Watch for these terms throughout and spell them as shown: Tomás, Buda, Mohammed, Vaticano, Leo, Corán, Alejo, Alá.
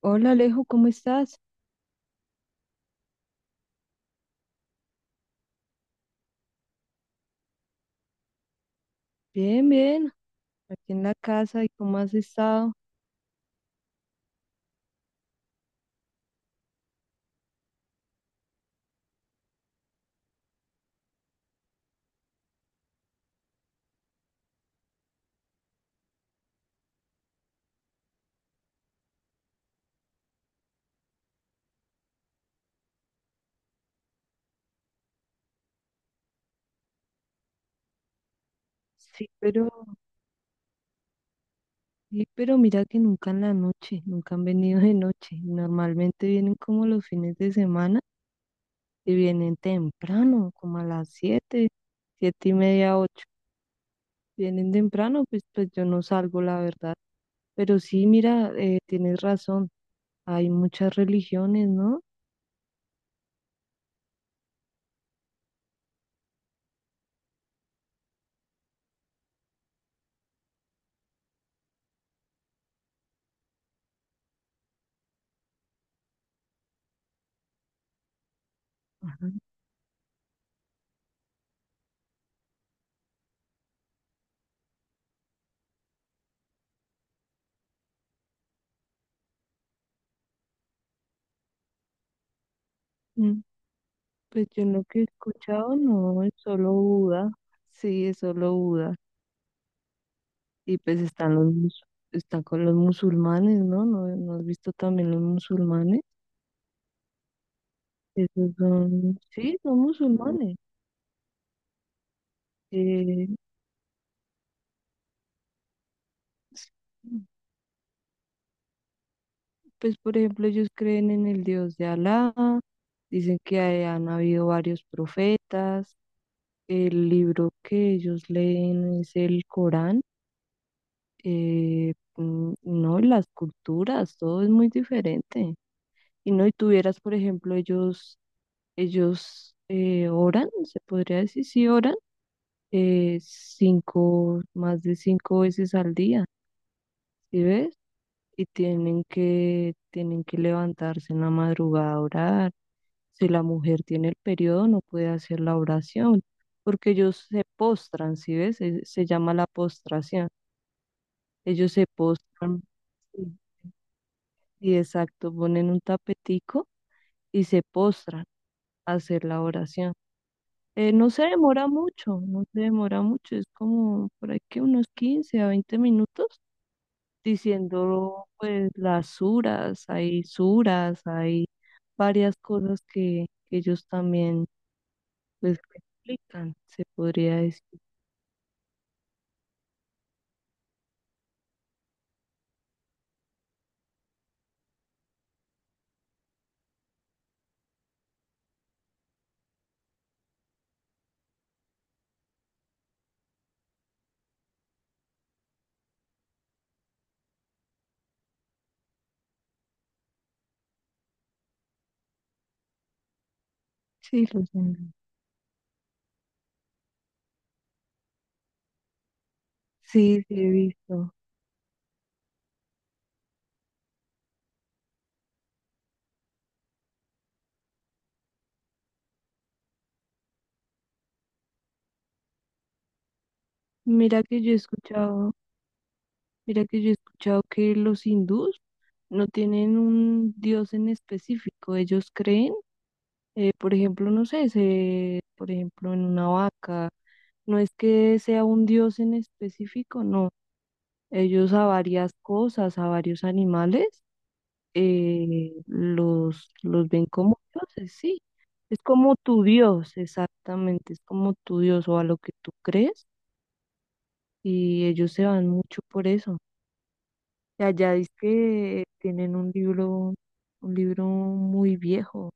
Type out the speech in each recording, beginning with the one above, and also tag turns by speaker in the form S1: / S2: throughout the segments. S1: Hola Alejo, ¿cómo estás? Bien, bien, aquí en la casa, ¿y cómo has estado? Sí, pero, sí, pero mira que nunca en la noche, nunca han venido de noche. Normalmente vienen como los fines de semana y vienen temprano, como a las siete, siete y media, ocho. Vienen temprano, pues yo no salgo, la verdad. Pero sí, mira, tienes razón, hay muchas religiones, ¿no? Ajá. Mm. Pues yo lo que he escuchado no es solo Buda, sí, es solo Buda. Y pues están los mus- Está con los musulmanes, ¿no? ¿No, no has visto también los musulmanes? Esos son, sí, son musulmanes. Eh, s- pues por ejemplo, ellos creen en el Dios de Alá, han habido varios profetas, el libro que ellos leen es el Corán, no, y las culturas, todo es muy diferente. Y no, y tuvieras, por ejemplo, ellos. Ellos oran, se podría decir, sí oran, cinco, más de cinco veces al día, ¿sí ves? Y tienen que levantarse en la madrugada a orar. Si la mujer tiene el periodo, no puede hacer la oración, porque ellos se postran, ¿sí ves? Se llama la postración. Ellos se postran, sí, y exacto, ponen un tapetico y se postran a hacer la oración. No se demora mucho, es como por aquí unos 15 a 20 minutos diciendo pues las suras, hay varias cosas que ellos también pues explican, se podría decir. Sí, los hindúes. Sí, sí, he visto. Mira que yo he escuchado, mira que yo he escuchado que los hindús no tienen un dios en específico, ellos creen, por ejemplo, no sé, se, por ejemplo, en una vaca, no es que sea un dios en específico, no. Ellos a varias cosas, a varios animales, los ven como dioses, sí. Es como tu dios, exactamente, es como tu dios o a lo que tú crees, y ellos se van mucho por eso. Y allá dice que tienen un libro muy viejo.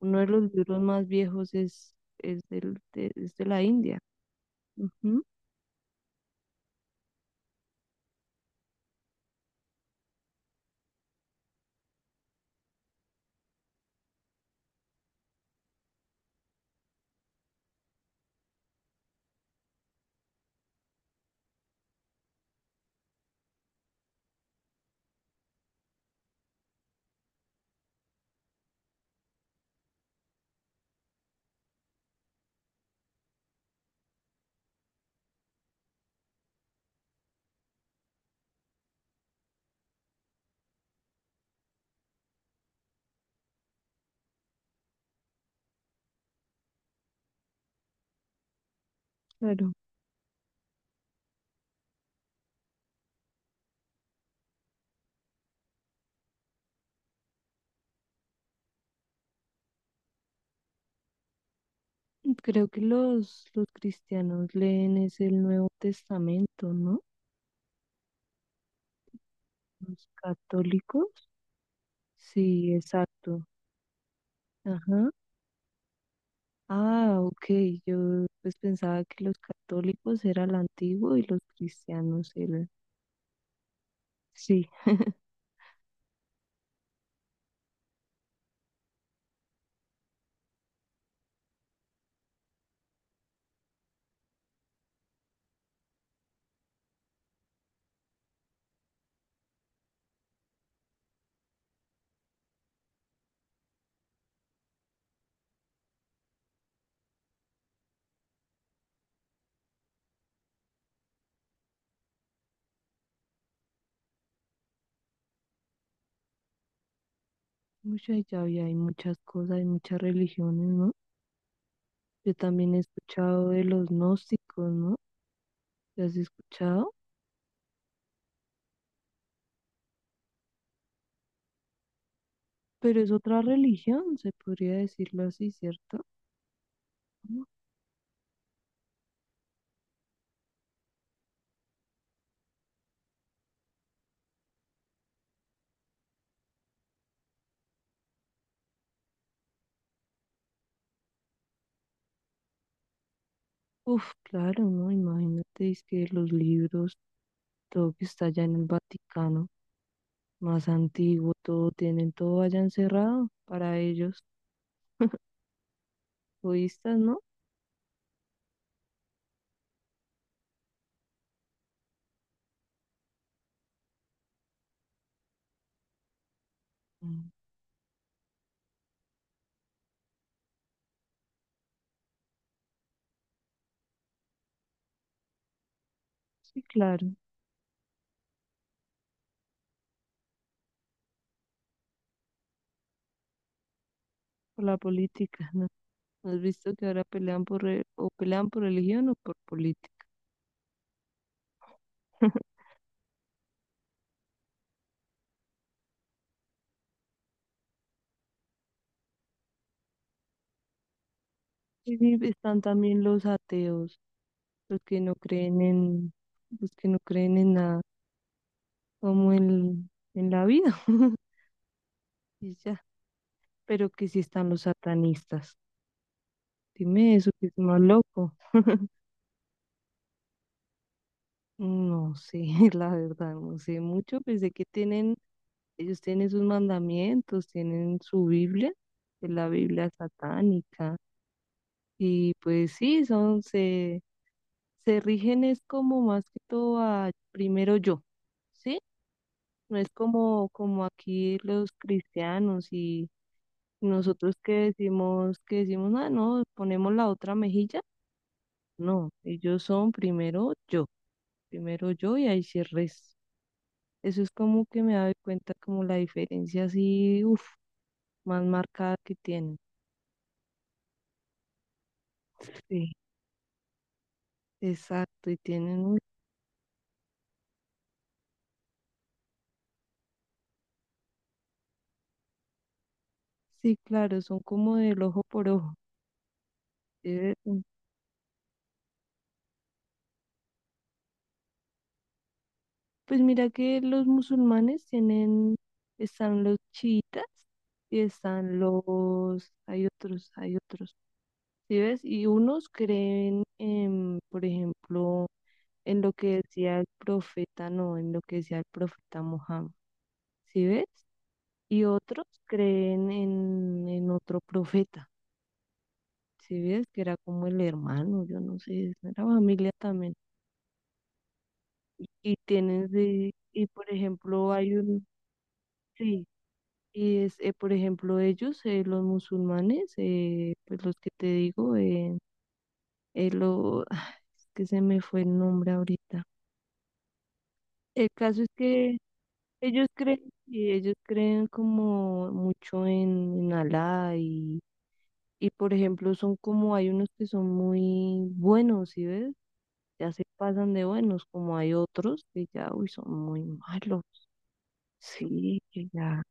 S1: Uno de los libros más viejos es del, de, es de la India. Ujú, claro. Creo que los cristianos leen es el Nuevo Testamento, ¿no? Los católicos. Sí, exacto. Ajá. Ah, ok. Yo pues pensaba que los católicos era el antiguo y los cristianos el... Sí. Mucha llave, hay muchas cosas, hay muchas religiones, ¿no? Yo también he escuchado de los gnósticos, ¿no? ¿Te has escuchado? Pero es otra religión, se podría decirlo así, ¿cierto? Uf, claro, ¿no? Imagínate, es que los libros, todo que está allá en el Vaticano, más antiguo, todo tienen todo allá encerrado para ellos, budistas, ¿no? Mm. Sí, claro, por la política, ¿no? ¿Has visto que ahora pelean o pelean por religión o por política? Y sí, están también los ateos, los que no creen en, los que no creen en nada, como en la vida, y ya. Pero que sí están los satanistas. Dime eso, que es más loco. No sé, la verdad, no sé mucho. Pensé que tienen, ellos tienen sus mandamientos, tienen su Biblia, que es la Biblia satánica. Y pues sí, son, se rigen es como más que todo a primero yo, ¿sí? No es como, como aquí los cristianos y nosotros que decimos, ah, no, ponemos la otra mejilla. No, ellos son primero yo y ahí se reza. Eso es como que me doy cuenta como la diferencia así, uff, más marcada que tienen. Sí. Exacto, y tienen un... Sí, claro, son como del ojo por ojo. Eh, mm, pues mira que los musulmanes tienen, están los chiitas y están los... Hay otros, hay otros. ¿Sí ves? Y unos creen en, por ejemplo, en lo que decía el profeta, no, en lo que decía el profeta Mohammed. ¿Sí ves? Y otros creen en otro profeta, si ves que era como el hermano, yo no sé, es la familia también. Y tienen, de- y por ejemplo, hay un, sí, y es, por ejemplo, ellos, los musulmanes, pues los que te digo, lo, es que se me fue el nombre ahorita. El caso es que ellos creen, y ellos creen como mucho en Alá. Y por ejemplo, son como hay unos que son muy buenos, ¿sí ves? Ya se pasan de buenos, como hay otros que ya, uy, son muy malos. Sí, que ya,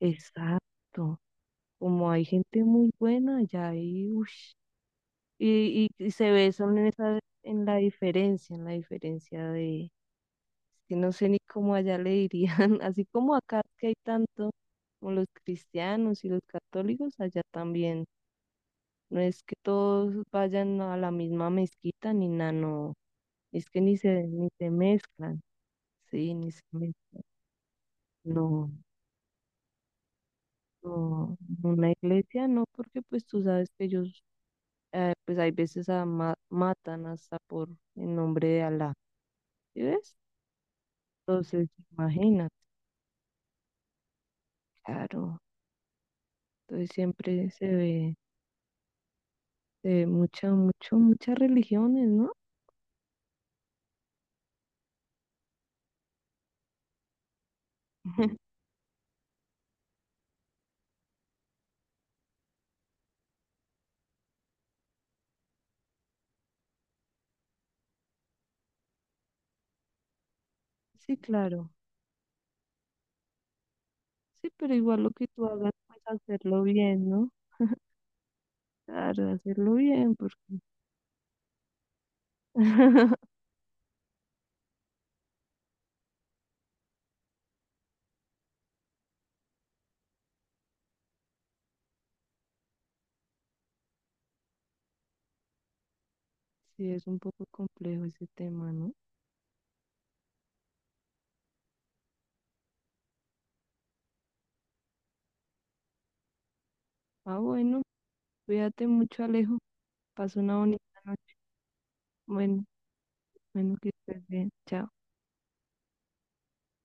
S1: exacto. Como hay gente muy buena, ya hay, uy. Y se ve, son en esa, en la diferencia de, que no sé ni cómo allá le dirían, así como acá que hay tanto, como los cristianos y los católicos, allá también. No es que todos vayan a la misma mezquita ni nada, no. Es que ni se mezclan, sí, ni se mezclan. No, no, una iglesia no, porque pues tú sabes que ellos, pues hay veces matan hasta por el nombre de Alá, ¿sí ves? Entonces, imagínate, claro. Entonces siempre se ve mucha, mucho, muchas religiones, ¿no? Sí, claro. Sí, pero igual lo que tú hagas, pues hacerlo bien, ¿no? Claro, hacerlo bien, porque sí, es un poco complejo ese tema, ¿no? Ah, bueno, cuídate mucho, Alejo. Pasa una bonita noche. Bueno, bueno, que estés bien. Chao.